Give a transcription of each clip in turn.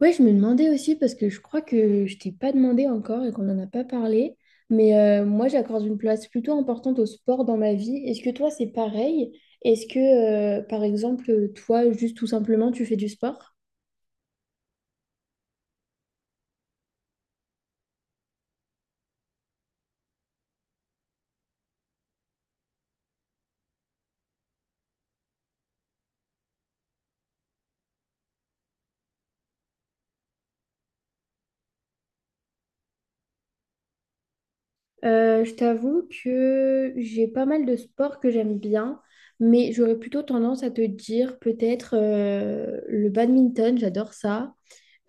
Ouais, je me demandais aussi parce que je crois que je t'ai pas demandé encore et qu'on n'en a pas parlé. Mais moi, j'accorde une place plutôt importante au sport dans ma vie. Est-ce que toi, c'est pareil? Est-ce que, par exemple, toi, juste tout simplement, tu fais du sport? Je t'avoue que j'ai pas mal de sports que j'aime bien, mais j'aurais plutôt tendance à te dire peut-être le badminton, j'adore ça.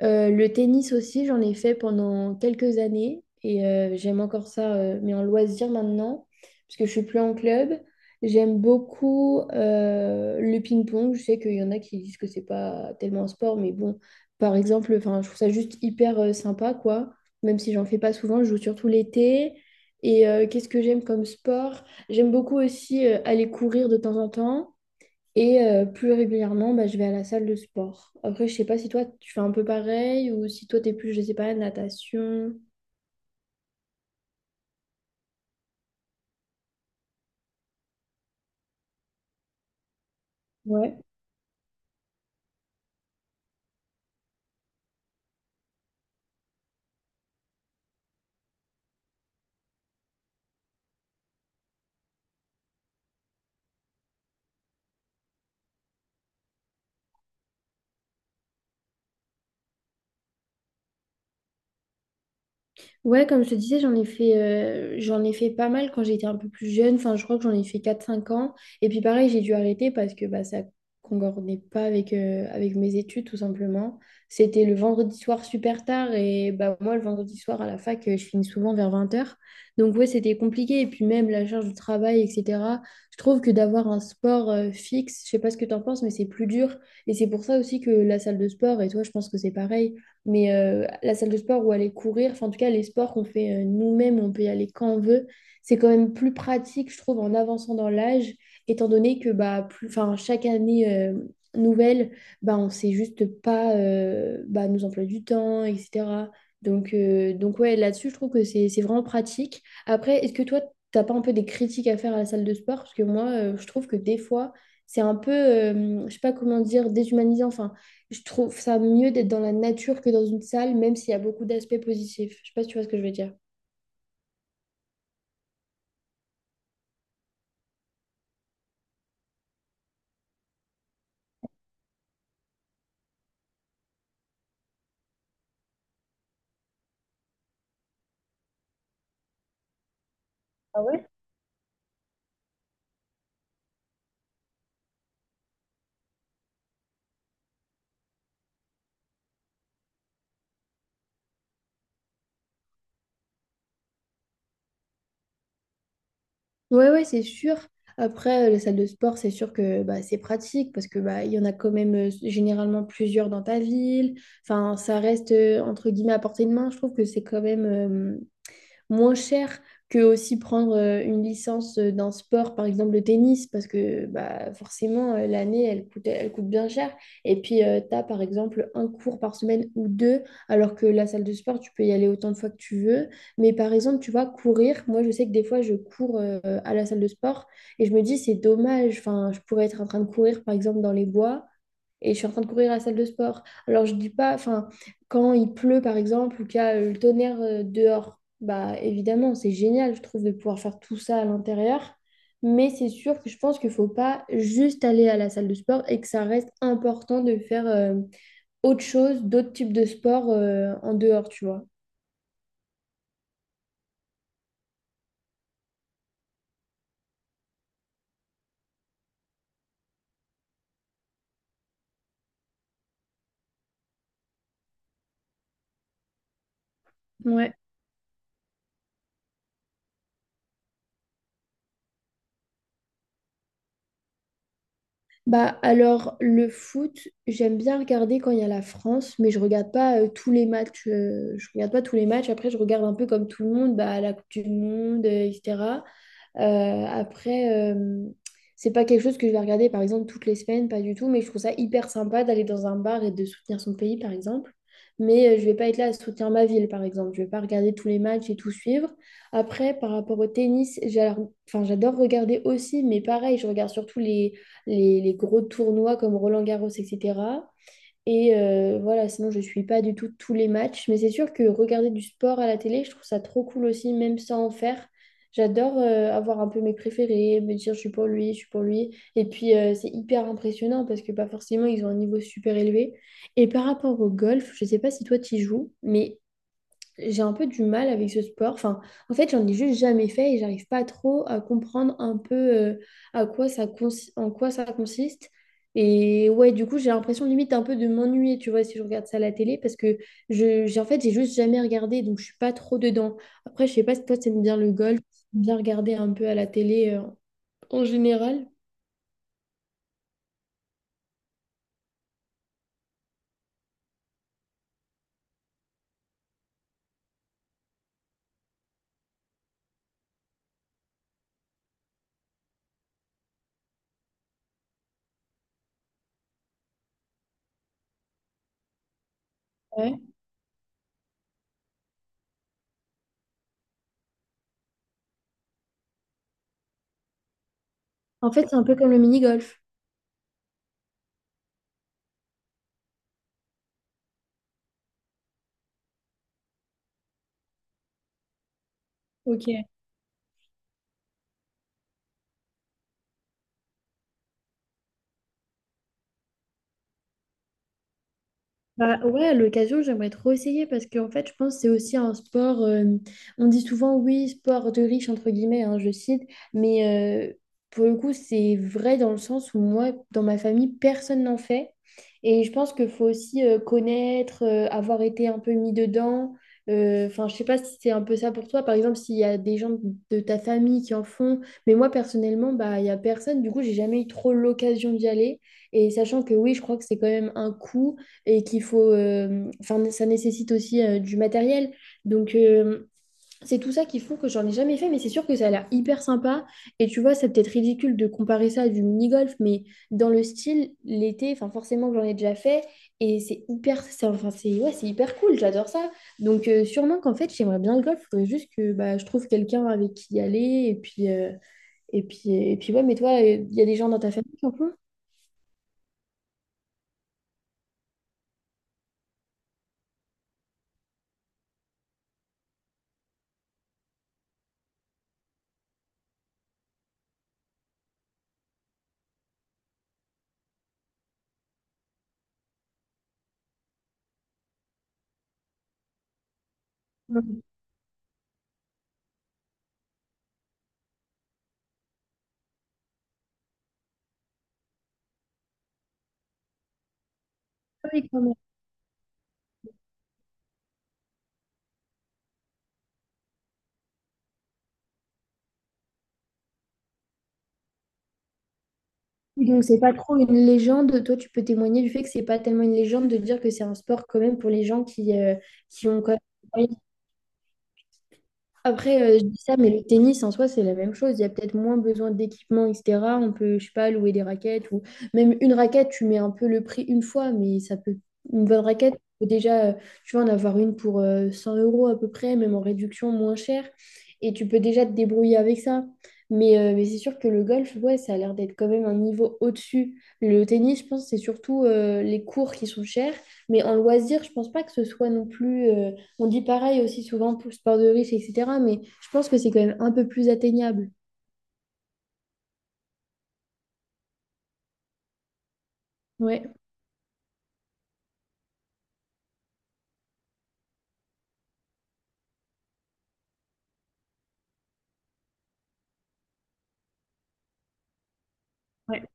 Le tennis aussi, j'en ai fait pendant quelques années et j'aime encore ça, mais en loisir maintenant, parce que je suis plus en club. J'aime beaucoup le ping-pong. Je sais qu'il y en a qui disent que c'est pas tellement un sport, mais bon, par exemple, enfin, je trouve ça juste hyper sympa, quoi. Même si j'en fais pas souvent, je joue surtout l'été. Et qu'est-ce que j'aime comme sport? J'aime beaucoup aussi aller courir de temps en temps. Et plus régulièrement, bah, je vais à la salle de sport. Après, je sais pas si toi, tu fais un peu pareil ou si toi, t'es plus, je sais pas, natation. Ouais. Ouais, comme je te disais, j'en ai fait pas mal quand j'étais un peu plus jeune. Enfin, je crois que j'en ai fait 4, 5 ans. Et puis pareil, j'ai dû arrêter parce que bah, ça concordait pas avec mes études, tout simplement. C'était le vendredi soir super tard. Et bah, moi, le vendredi soir à la fac, je finis souvent vers 20 heures. Donc ouais, c'était compliqué. Et puis même la charge du travail, etc. Je trouve que d'avoir un sport fixe, je sais pas ce que tu en penses, mais c'est plus dur. Et c'est pour ça aussi que la salle de sport, et toi, je pense que c'est pareil mais la salle de sport où aller courir, enfin en tout cas les sports qu'on fait nous-mêmes, on peut y aller quand on veut, c'est quand même plus pratique, je trouve, en avançant dans l'âge, étant donné que bah, plus, enfin, chaque année nouvelle, bah, on ne sait juste pas bah, nous employer du temps, etc. Donc ouais, là-dessus, je trouve que c'est vraiment pratique. Après, est-ce que toi, t'as pas un peu des critiques à faire à la salle de sport? Parce que moi, je trouve que des fois, c'est un peu, je sais pas comment dire, déshumanisant. Enfin, je trouve ça mieux d'être dans la nature que dans une salle, même s'il y a beaucoup d'aspects positifs. Je sais pas si tu vois ce que je veux dire. Ah ouais? Ouais, ouais, c'est sûr. Après, les salles de sport, c'est sûr que bah, c'est pratique parce que bah, il y en a quand même généralement plusieurs dans ta ville. Enfin, ça reste entre guillemets à portée de main. Je trouve que c'est quand même moins cher que aussi prendre une licence d'un sport, par exemple le tennis, parce que bah, forcément, l'année, elle coûte bien cher. Et puis, tu as par exemple un cours par semaine ou deux, alors que la salle de sport, tu peux y aller autant de fois que tu veux. Mais par exemple, tu vois, courir, moi, je sais que des fois, je cours à la salle de sport et je me dis, c'est dommage, enfin, je pourrais être en train de courir, par exemple, dans les bois et je suis en train de courir à la salle de sport. Alors, je dis pas, enfin, quand il pleut, par exemple, ou qu'il y a le tonnerre dehors, bah évidemment, c'est génial, je trouve, de pouvoir faire tout ça à l'intérieur. Mais c'est sûr que je pense qu'il ne faut pas juste aller à la salle de sport et que ça reste important de faire autre chose, d'autres types de sport en dehors, tu vois. Ouais. Bah alors le foot, j'aime bien regarder quand il y a la France, mais je regarde pas tous les matchs. Je regarde pas tous les matchs. Après, je regarde un peu comme tout le monde, bah, la Coupe du Monde, etc. Euh, après, c'est pas quelque chose que je vais regarder par exemple toutes les semaines, pas du tout. Mais je trouve ça hyper sympa d'aller dans un bar et de soutenir son pays, par exemple. Mais je vais pas être là à soutenir ma ville, par exemple. Je vais pas regarder tous les matchs et tout suivre. Après, par rapport au tennis, enfin, j'adore regarder aussi, mais pareil, je regarde surtout les gros tournois comme Roland-Garros, etc. Et voilà, sinon je suis pas du tout tous les matchs, mais c'est sûr que regarder du sport à la télé, je trouve ça trop cool aussi, même sans en faire. J'adore avoir un peu mes préférés, me dire je suis pour lui, je suis pour lui. Et puis c'est hyper impressionnant parce que pas forcément ils ont un niveau super élevé. Et par rapport au golf, je sais pas si toi tu joues, mais j'ai un peu du mal avec ce sport. Enfin, en fait, j'en ai juste jamais fait et j'arrive pas trop à comprendre un peu à quoi ça consi- en quoi ça consiste. Et ouais, du coup, j'ai l'impression limite un peu de m'ennuyer, tu vois, si je regarde ça à la télé, parce que j'ai, en fait, j'ai juste jamais regardé, donc je suis pas trop dedans. Après, je sais pas si toi, t'aimes bien le golf, t'aimes bien regarder un peu à la télé en général. Ouais. En fait, c'est un peu comme le mini-golf. Ok. Bah ouais, à l'occasion, j'aimerais trop essayer parce qu'en fait, je pense que c'est aussi un sport. On dit souvent, oui, sport de riche, entre guillemets, hein, je cite, mais pour le coup, c'est vrai dans le sens où moi, dans ma famille, personne n'en fait. Et je pense qu'il faut aussi connaître, avoir été un peu mis dedans. Enfin, je sais pas si c'est un peu ça pour toi. Par exemple, s'il y a des gens de ta famille qui en font, mais moi, personnellement, bah, il y a personne. Du coup, j'ai jamais eu trop l'occasion d'y aller. Et sachant que oui, je crois que c'est quand même un coût et qu'il faut, enfin, ça nécessite aussi du matériel. Donc, c'est tout ça qui font que j'en ai jamais fait, mais c'est sûr que ça a l'air hyper sympa. Et tu vois, c'est peut-être ridicule de comparer ça à du mini-golf, mais dans le style, l'été, enfin, forcément que j'en ai déjà fait, et c'est hyper, c'est, enfin, c'est, ouais, c'est hyper cool, j'adore ça. Donc, sûrement qu'en fait, j'aimerais bien le golf, il faudrait juste que bah, je trouve quelqu'un avec qui y aller, et puis, ouais, mais toi, il y a des gens dans ta famille qui en font? Ouais. Donc, c'est pas trop une légende. Toi, tu peux témoigner du fait que c'est pas tellement une légende de dire que c'est un sport quand même pour les gens qui ont quand même après, je dis ça, mais le tennis en soi, c'est la même chose. Il y a peut-être moins besoin d'équipement, etc. On peut, je sais pas, louer des raquettes ou même une raquette, tu mets un peu le prix une fois, mais ça peut, une bonne raquette, tu peux déjà, tu vas en avoir une pour 100 euros à peu près, même en réduction moins cher Et tu peux déjà te débrouiller avec ça. Mais c'est sûr que le golf, ouais, ça a l'air d'être quand même un niveau au-dessus. Le tennis, je pense, c'est surtout les cours qui sont chers. Mais en loisir, je pense pas que ce soit non plus. On dit pareil aussi souvent pour le sport de riche, etc. Mais je pense que c'est quand même un peu plus atteignable. Ouais. Ouais.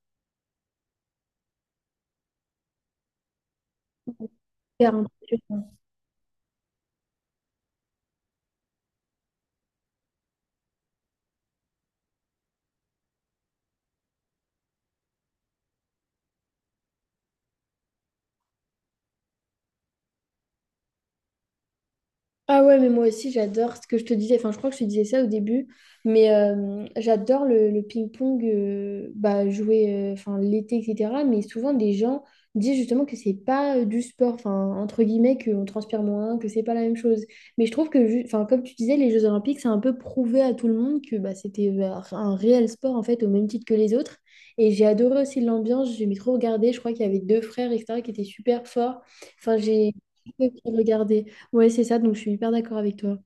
Ah ouais, mais moi aussi j'adore ce que je te disais, enfin je crois que je te disais ça au début, mais j'adore le ping-pong bah, jouer enfin, l'été, etc. Mais souvent des gens disent justement que c'est pas du sport, enfin entre guillemets, qu'on transpire moins, que c'est pas la même chose. Mais je trouve que, enfin, comme tu disais, les Jeux Olympiques, c'est un peu prouvé à tout le monde que bah, c'était enfin, un réel sport en fait, au même titre que les autres. Et j'ai adoré aussi l'ambiance, j'aimais trop regarder, je crois qu'il y avait deux frères, etc., qui étaient super forts. Enfin, j'ai regardé. Ouais, c'est ça, donc je suis hyper d'accord avec toi.